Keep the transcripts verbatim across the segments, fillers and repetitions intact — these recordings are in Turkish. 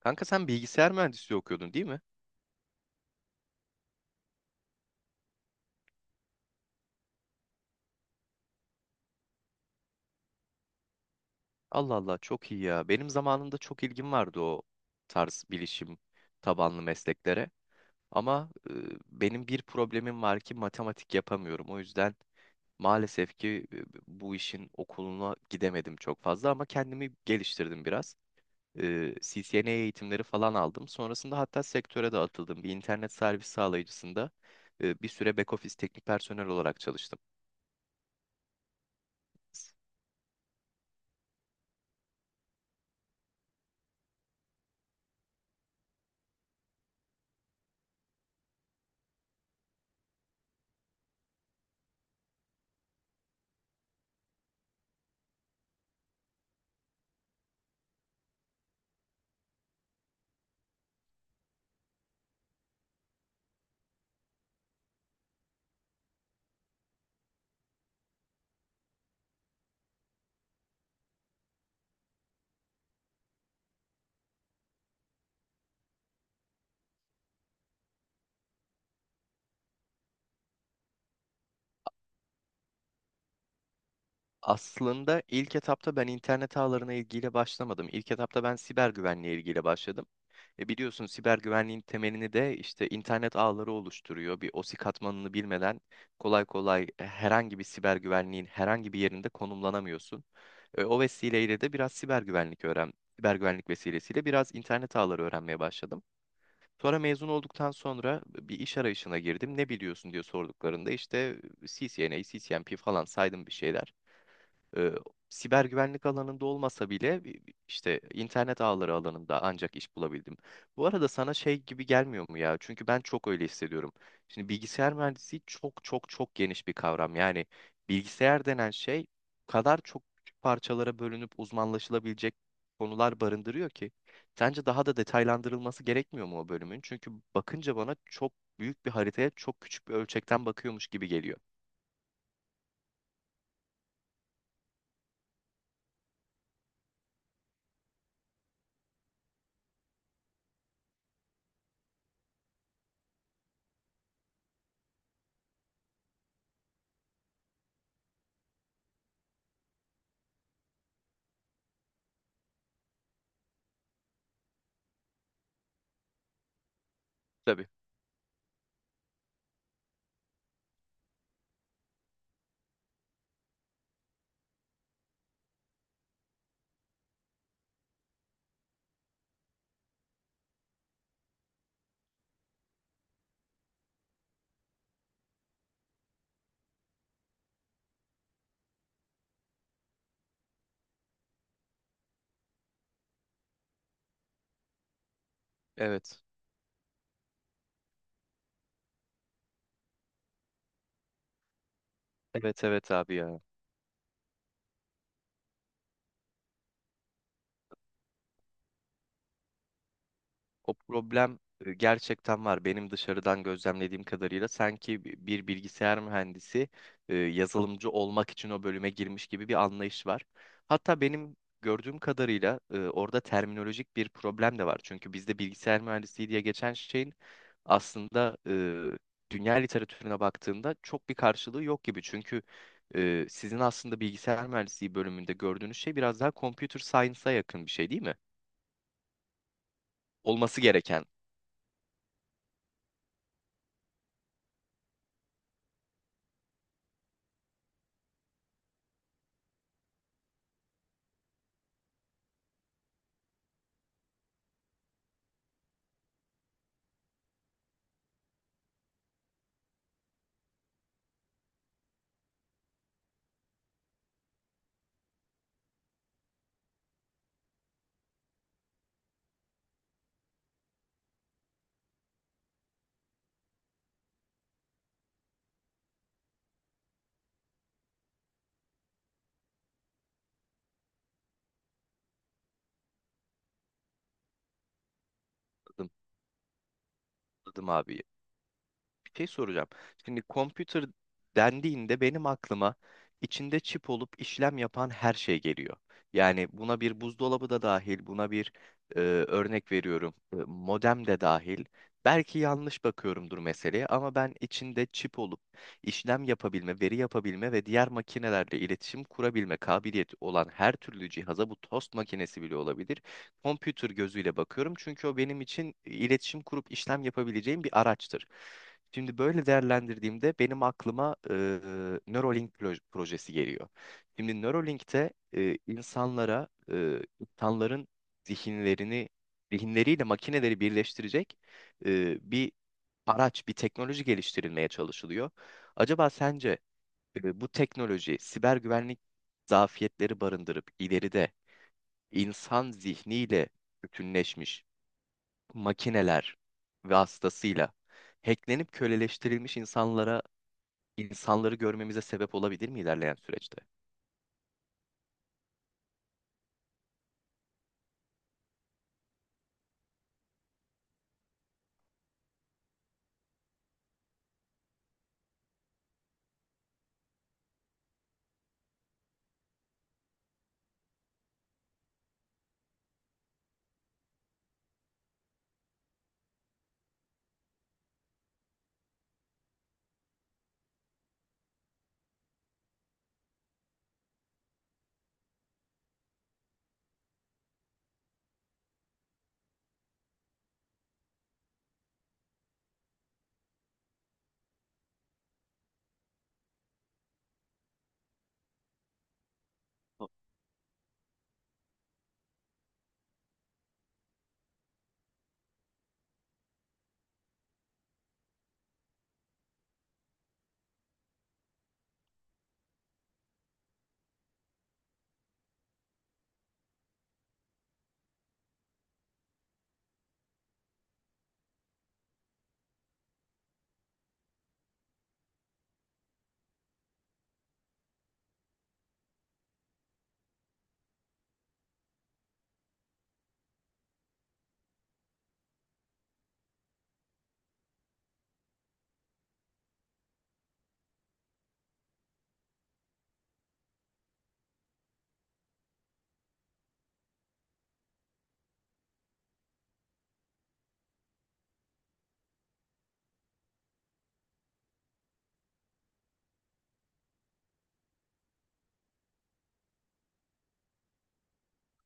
Kanka sen bilgisayar mühendisliği okuyordun değil mi? Allah Allah çok iyi ya. Benim zamanımda çok ilgim vardı o tarz bilişim tabanlı mesleklere. Ama e, benim bir problemim var ki matematik yapamıyorum. O yüzden maalesef ki e, bu işin okuluna gidemedim çok fazla ama kendimi geliştirdim biraz. E, C C N A eğitimleri falan aldım. Sonrasında hatta sektöre de atıldım. Bir internet servis sağlayıcısında e, bir süre back office teknik personel olarak çalıştım. Aslında ilk etapta ben internet ağlarına ilgiyle başlamadım. İlk etapta ben siber güvenliğe ilgiyle başladım. E biliyorsun siber güvenliğin temelini de işte internet ağları oluşturuyor. Bir O S I katmanını bilmeden kolay kolay e, herhangi bir siber güvenliğin herhangi bir yerinde konumlanamıyorsun. E, o vesileyle de biraz siber güvenlik öğren, siber güvenlik vesilesiyle biraz internet ağları öğrenmeye başladım. Sonra mezun olduktan sonra bir iş arayışına girdim. Ne biliyorsun diye sorduklarında işte C C N A, C C N P falan saydım bir şeyler e, siber güvenlik alanında olmasa bile bi- bi- işte internet ağları alanında ancak iş bulabildim. Bu arada sana şey gibi gelmiyor mu ya? Çünkü ben çok öyle hissediyorum. Şimdi bilgisayar mühendisliği çok çok çok geniş bir kavram. Yani bilgisayar denen şey o kadar çok küçük parçalara bölünüp uzmanlaşılabilecek konular barındırıyor ki. Sence daha da detaylandırılması gerekmiyor mu o bölümün? Çünkü bakınca bana çok büyük bir haritaya çok küçük bir ölçekten bakıyormuş gibi geliyor. Tabii. Evet. Evet, evet, abi ya. O problem e, gerçekten var. Benim dışarıdan gözlemlediğim kadarıyla sanki bi- bir bilgisayar mühendisi e, yazılımcı olmak için o bölüme girmiş gibi bir anlayış var. Hatta benim gördüğüm kadarıyla e, orada terminolojik bir problem de var. Çünkü bizde bilgisayar mühendisliği diye geçen şeyin aslında e, dünya literatürüne baktığında çok bir karşılığı yok gibi. Çünkü e, sizin aslında bilgisayar mühendisliği bölümünde gördüğünüz şey biraz daha computer science'a yakın bir şey değil mi? Olması gereken. Anladım, anladım abi. Bir şey soracağım. Şimdi computer dendiğinde benim aklıma içinde çip olup işlem yapan her şey geliyor. Yani buna bir buzdolabı da dahil, buna bir, e, örnek veriyorum, e, modem de dahil. Belki yanlış bakıyorumdur meseleye ama ben içinde çip olup işlem yapabilme, veri yapabilme ve diğer makinelerle iletişim kurabilme kabiliyeti olan her türlü cihaza, bu tost makinesi bile olabilir, computer gözüyle bakıyorum çünkü o benim için iletişim kurup işlem yapabileceğim bir araçtır. Şimdi böyle değerlendirdiğimde benim aklıma e, Neuralink proje- projesi geliyor. Şimdi Neuralink'te e, insanlara, e, insanların zihinlerini, zihinleriyle makineleri birleştirecek e, bir araç, bir teknoloji geliştirilmeye çalışılıyor. Acaba sence e, bu teknoloji siber güvenlik zafiyetleri barındırıp ileride insan zihniyle bütünleşmiş makineler vasıtasıyla hacklenip köleleştirilmiş insanlara insanları görmemize sebep olabilir mi ilerleyen süreçte?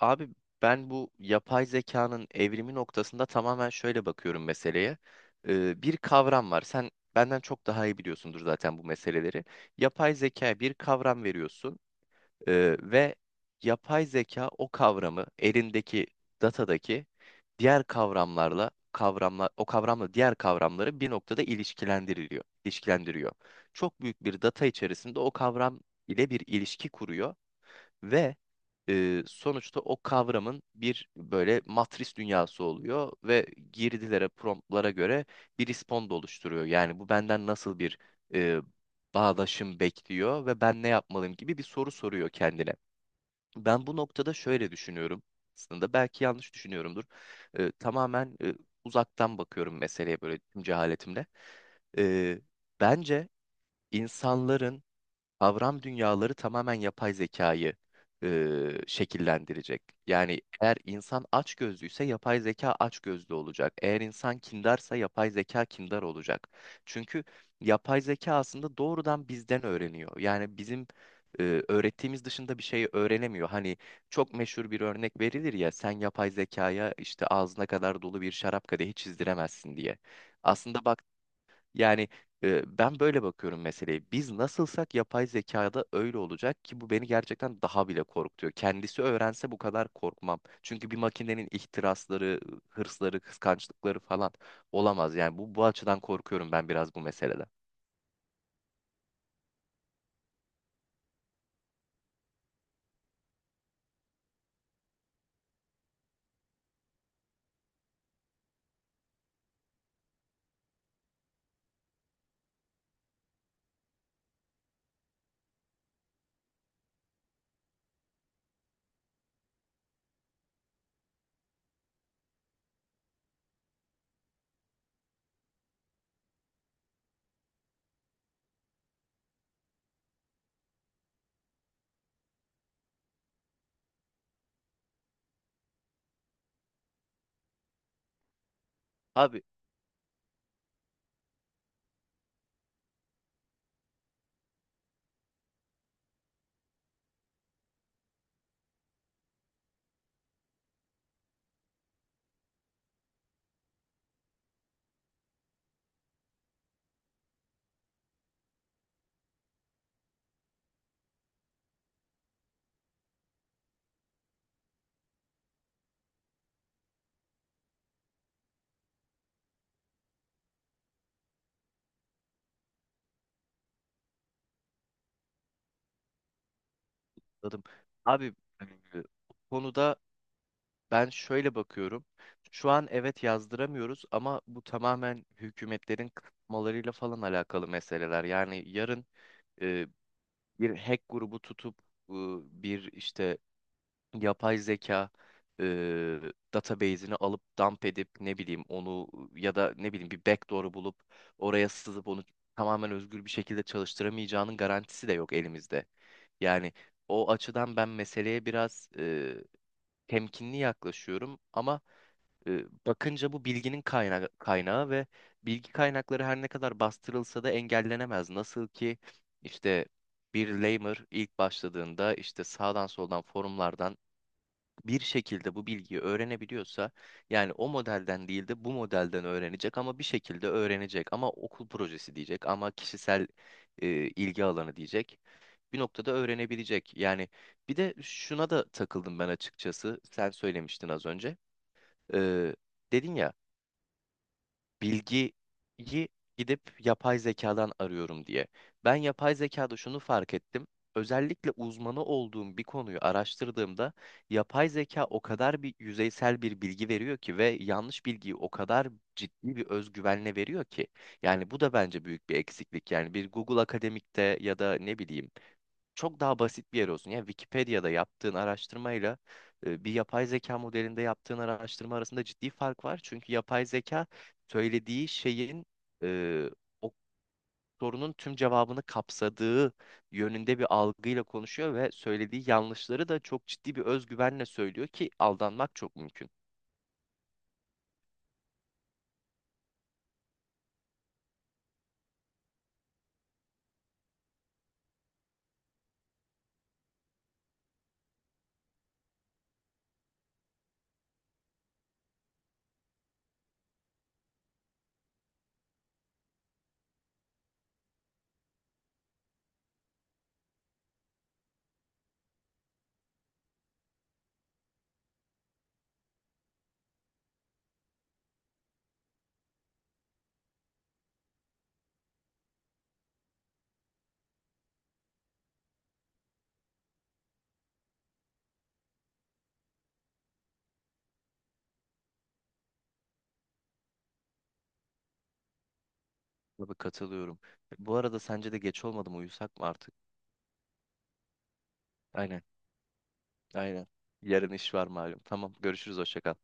Abi, ben bu yapay zekanın evrimi noktasında tamamen şöyle bakıyorum meseleye. Ee, bir kavram var. Sen benden çok daha iyi biliyorsundur zaten bu meseleleri. Yapay zekaya bir kavram veriyorsun. Ee, ve yapay zeka o kavramı elindeki datadaki diğer kavramlarla kavramlar o kavramla diğer kavramları bir noktada ilişkilendiriliyor, ilişkilendiriyor. Çok büyük bir data içerisinde o kavram ile bir ilişki kuruyor ve e, sonuçta o kavramın bir böyle matris dünyası oluyor ve girdilere, promptlara göre bir respond oluşturuyor. Yani bu benden nasıl bir e, bağdaşım bekliyor ve ben ne yapmalıyım gibi bir soru soruyor kendine. Ben bu noktada şöyle düşünüyorum, aslında belki yanlış düşünüyorumdur. Ee, tamamen e, uzaktan bakıyorum meseleye böyle tüm cehaletimle. Ee, Bence insanların kavram dünyaları tamamen yapay zekayı e, şekillendirecek. Yani eğer insan açgözlüyse yapay zeka açgözlü olacak. Eğer insan kindarsa yapay zeka kindar olacak. Çünkü yapay zeka aslında doğrudan bizden öğreniyor. Yani bizim e, öğrettiğimiz dışında bir şey öğrenemiyor. Hani çok meşhur bir örnek verilir ya, sen yapay zekaya işte ağzına kadar dolu bir şarap kadehi çizdiremezsin diye. Aslında yani e, ben böyle bakıyorum meseleye. Biz nasılsak yapay zekada öyle olacak ki bu beni gerçekten daha bile korkutuyor. Kendisi öğrense bu kadar korkmam. Çünkü bir makinenin ihtirasları, hırsları, kıskançlıkları falan olamaz. Yani bu bu açıdan korkuyorum ben biraz bu meseleden. Abi, anladım. Abi, e, bu konuda ben şöyle bakıyorum. Şu an evet yazdıramıyoruz ama bu tamamen hükümetlerin kısıtlamalarıyla falan alakalı meseleler. Yani yarın bir hack grubu tutup ıı, bir işte yapay zeka ıı, database'ini alıp dump edip ne bileyim onu, ya da ne bileyim bir backdoor'u bulup oraya sızıp onu tamamen özgür bir şekilde çalıştıramayacağının garantisi de yok elimizde. Yani o açıdan ben meseleye biraz e, temkinli yaklaşıyorum ama e, bakınca bu bilginin kaynağı, kaynağı ve bilgi kaynakları her ne kadar bastırılsa da engellenemez. Nasıl ki işte bir lamer ilk başladığında işte sağdan soldan forumlardan bir şekilde bu bilgiyi öğrenebiliyorsa, yani o modelden değil de bu modelden öğrenecek ama bir şekilde öğrenecek, ama okul projesi diyecek, ama kişisel e, ilgi alanı diyecek, bir noktada öğrenebilecek. Yani bir de şuna da takıldım ben açıkçası, sen söylemiştin az önce. E, Dedin ya bilgiyi gidip yapay zekadan arıyorum diye. Ben yapay zekada şunu fark ettim. Özellikle uzmanı olduğum bir konuyu araştırdığımda yapay zeka o kadar bir yüzeysel bir bilgi veriyor ki, ve yanlış bilgiyi o kadar ciddi bir özgüvenle veriyor ki. Yani bu da bence büyük bir eksiklik. Yani bir Google Akademik'te ya da ne bileyim çok daha basit bir yer olsun. Yani Wikipedia'da yaptığın araştırmayla e, bir yapay zeka modelinde yaptığın araştırma arasında ciddi fark var. Çünkü yapay zeka söylediği şeyin e, o sorunun tüm cevabını kapsadığı yönünde bir algıyla konuşuyor ve söylediği yanlışları da çok ciddi bir özgüvenle söylüyor ki aldanmak çok mümkün. Tabii, katılıyorum. Bu arada sence de geç olmadı mı? Uyusak mı artık? Aynen, aynen. Yarın iş var malum. Tamam, görüşürüz, hoşça kal.